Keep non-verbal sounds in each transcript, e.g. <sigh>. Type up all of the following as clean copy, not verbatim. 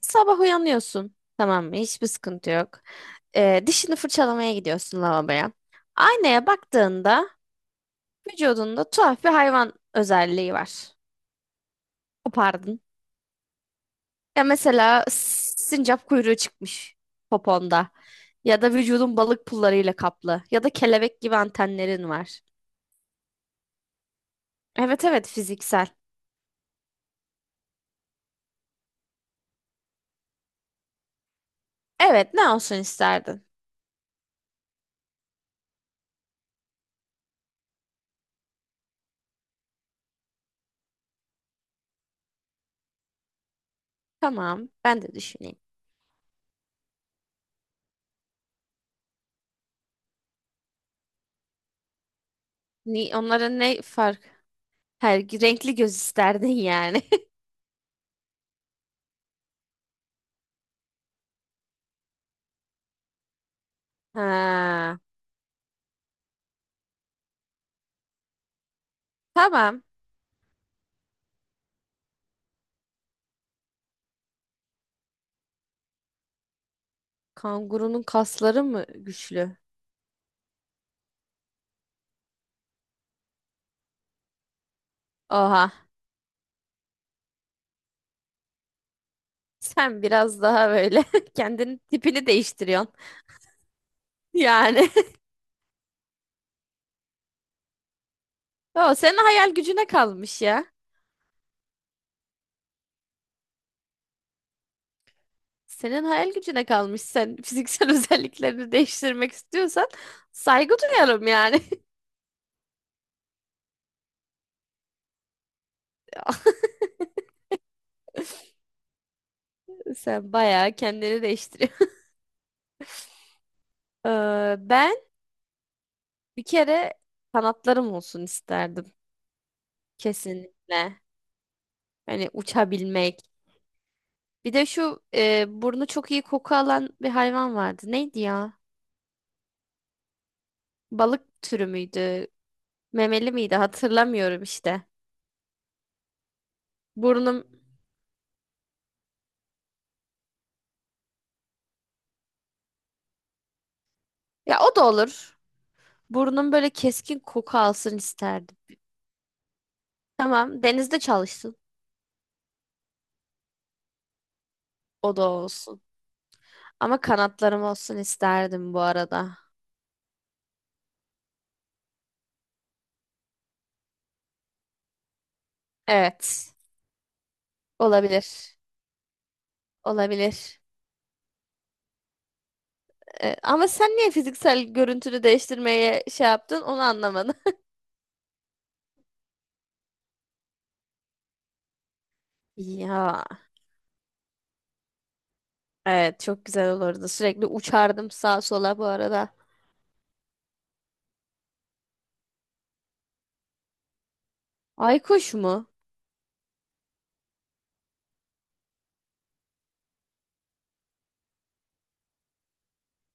Sabah uyanıyorsun. Tamam mı? Hiçbir sıkıntı yok. Dişini fırçalamaya gidiyorsun lavaboya. Aynaya baktığında vücudunda tuhaf bir hayvan özelliği var. Kopardın. Ya mesela sincap kuyruğu çıkmış poponda. Ya da vücudun balık pullarıyla kaplı. Ya da kelebek gibi antenlerin var. Evet evet, fiziksel. Evet, ne olsun isterdin? Tamam, ben de düşüneyim. Ni onlara ne fark? Her renkli göz isterdin yani. <laughs> Ha. Tamam. Kangurunun kasları mı güçlü? Oha. Sen biraz daha böyle <laughs> kendini tipini değiştiriyorsun. Yani. <laughs> O senin hayal gücüne kalmış ya. Senin hayal gücüne kalmış. Sen fiziksel <laughs> özelliklerini değiştirmek istiyorsan saygı duyarım yani. <laughs> Sen bayağı kendini değiştiriyorsun. <laughs> Ee, ben bir kere kanatlarım olsun isterdim. Kesinlikle. Hani uçabilmek. Bir de şu burnu çok iyi koku alan bir hayvan vardı. Neydi ya? Balık türü müydü? Memeli miydi? Hatırlamıyorum işte. Burnum, ya o da olur. Burnum böyle keskin koku alsın isterdim. Tamam, denizde çalışsın. O da olsun. Ama kanatlarım olsun isterdim bu arada. Evet. Olabilir. Olabilir. Ama sen niye fiziksel görüntünü değiştirmeye şey yaptın onu anlamadım. <laughs> Ya evet, çok güzel olurdu. Sürekli uçardım sağa sola bu arada. Aykuş mu?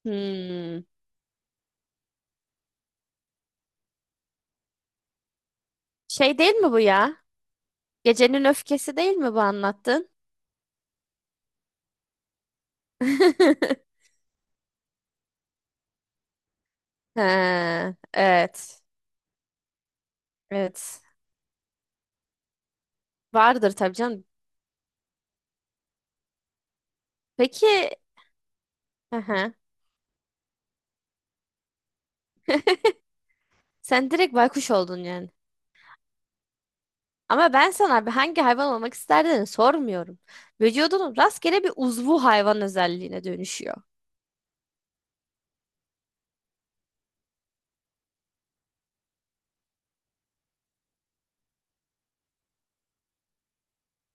Hmm. Şey değil mi bu ya? Gecenin öfkesi değil mi bu anlattın? <laughs> Ha, evet. Evet. Vardır tabii canım. Peki, hı hı. Sen direkt baykuş oldun yani. Ama ben sana bir hangi hayvan olmak isterdin sormuyorum. Vücudunun rastgele bir uzvu hayvan özelliğine dönüşüyor.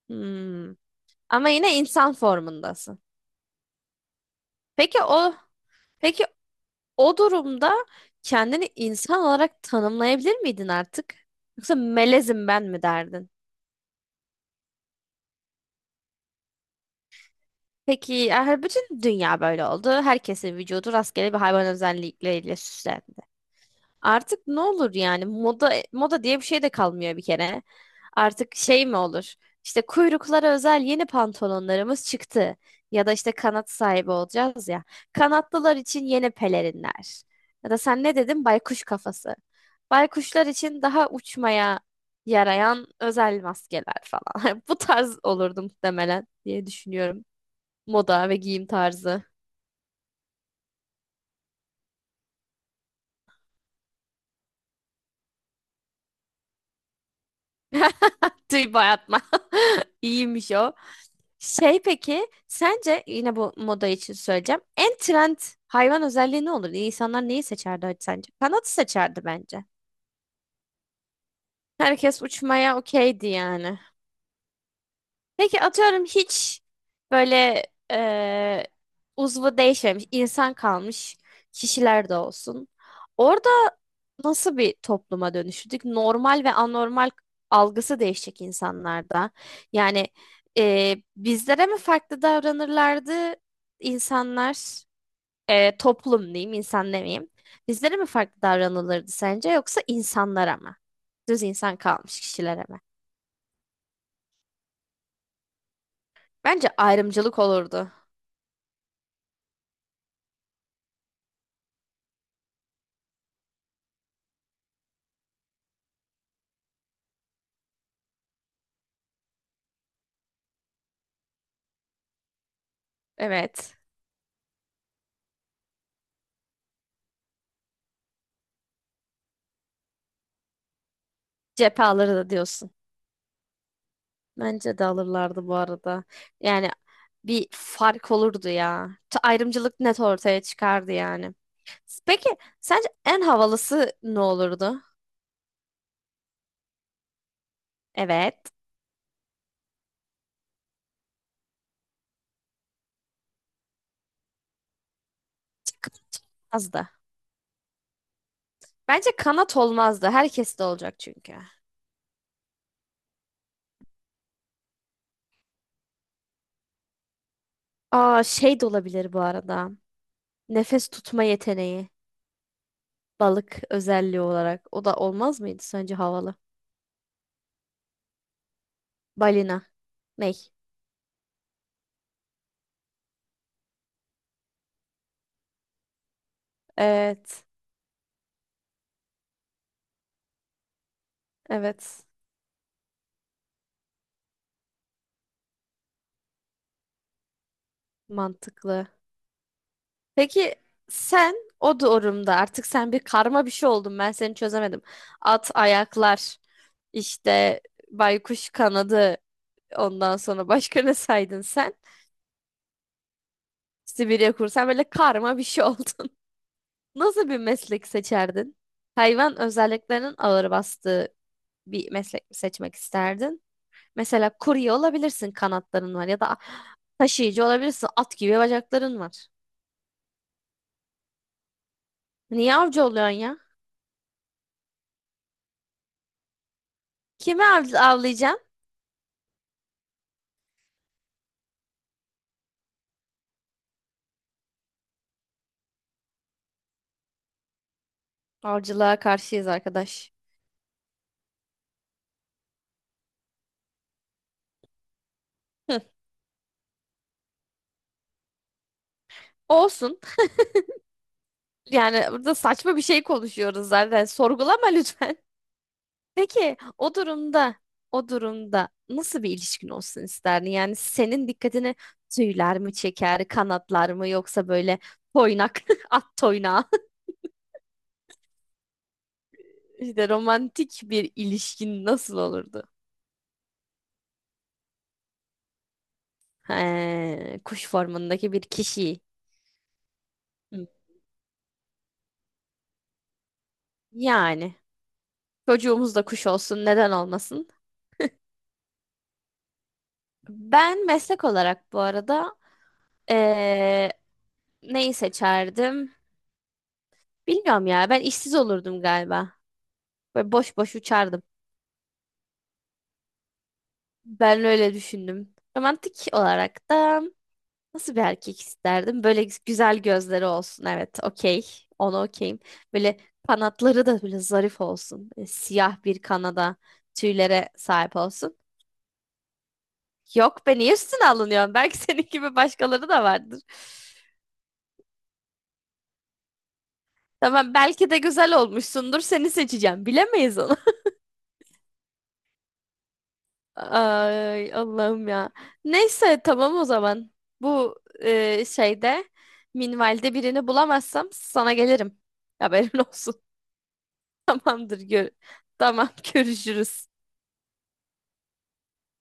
Hmm. Ama yine insan formundasın. Peki o, peki o durumda kendini insan olarak tanımlayabilir miydin artık? Yoksa melezim ben mi derdin? Peki yani bütün dünya böyle oldu. Herkesin vücudu rastgele bir hayvan özellikleriyle süslendi. Artık ne olur yani, moda moda diye bir şey de kalmıyor bir kere. Artık şey mi olur? İşte kuyruklara özel yeni pantolonlarımız çıktı. Ya da işte kanat sahibi olacağız ya. Kanatlılar için yeni pelerinler. Ya da sen ne dedin? Baykuş kafası. Baykuşlar için daha uçmaya yarayan özel maskeler falan. <laughs> Bu tarz olurdu muhtemelen diye düşünüyorum. Moda ve giyim tarzı. <laughs> Tüy bayatma. <laughs> İyiymiş o. Şey, peki sence yine bu moda için söyleyeceğim. En trend hayvan özelliği ne olur? İnsanlar neyi seçerdi sence? Kanatı seçerdi bence. Herkes uçmaya okeydi yani. Peki atıyorum, hiç böyle eee uzvu değişmemiş insan kalmış kişiler de olsun. Orada nasıl bir topluma dönüştük? Normal ve anormal algısı değişecek insanlarda. Yani bizlere mi farklı davranırlardı insanlar, toplum diyeyim, insan demeyeyim. Bizlere mi farklı davranılırdı sence, yoksa insanlara mı? Düz insan kalmış kişilere mi? Bence ayrımcılık olurdu. Evet. Cephe alırdı diyorsun. Bence de alırlardı bu arada. Yani bir fark olurdu ya. Ayrımcılık net ortaya çıkardı yani. Peki sence en havalısı ne olurdu? Evet. Kıpırmazdı. Bence kanat olmazdı. Herkes de olacak çünkü. Aa, şey de olabilir bu arada. Nefes tutma yeteneği. Balık özelliği olarak. O da olmaz mıydı sence havalı? Balina. Ney? Evet. Evet. Mantıklı. Peki sen o durumda artık sen bir karma bir şey oldun. Ben seni çözemedim. At ayaklar, işte baykuş kanadı. Ondan sonra başka ne saydın sen? Sibirya kursan böyle karma bir şey oldun. <laughs> Nasıl bir meslek seçerdin? Hayvan özelliklerinin ağır bastığı bir meslek mi seçmek isterdin? Mesela kurye olabilirsin, kanatların var, ya da taşıyıcı olabilirsin, at gibi bacakların var. Niye avcı oluyorsun ya? Kimi av avlayacaksın? Avcılığa karşıyız arkadaş. Hı, olsun. Yani burada saçma bir şey konuşuyoruz zaten. Sorgulama lütfen. Peki o durumda nasıl bir ilişkin olsun isterdin? Yani senin dikkatini tüyler mi çeker, kanatlar mı, yoksa böyle toynak, <laughs> at toynağı <laughs> işte romantik bir ilişkin nasıl olurdu? He, kuş formundaki bir kişi. Hı. Yani çocuğumuz da kuş olsun, neden olmasın? Ben meslek olarak bu arada eee, neyi seçerdim? Bilmiyorum ya, ben işsiz olurdum galiba. Böyle boş boş uçardım. Ben öyle düşündüm. Romantik olarak da nasıl bir erkek isterdim? Böyle güzel gözleri olsun. Evet, okey. Ona okeyim. Böyle kanatları da böyle zarif olsun. Böyle siyah bir kanada tüylere sahip olsun. Yok be, niye üstüne alınıyorsun? Belki <laughs> senin gibi başkaları da vardır. Tamam, belki de güzel olmuşsundur. Seni seçeceğim. Bilemeyiz onu. Ay Allah'ım ya. Neyse, tamam o zaman. Bu e, şeyde minvalde birini bulamazsam sana gelirim. Haberin olsun. <laughs> Tamamdır gör. Tamam, görüşürüz.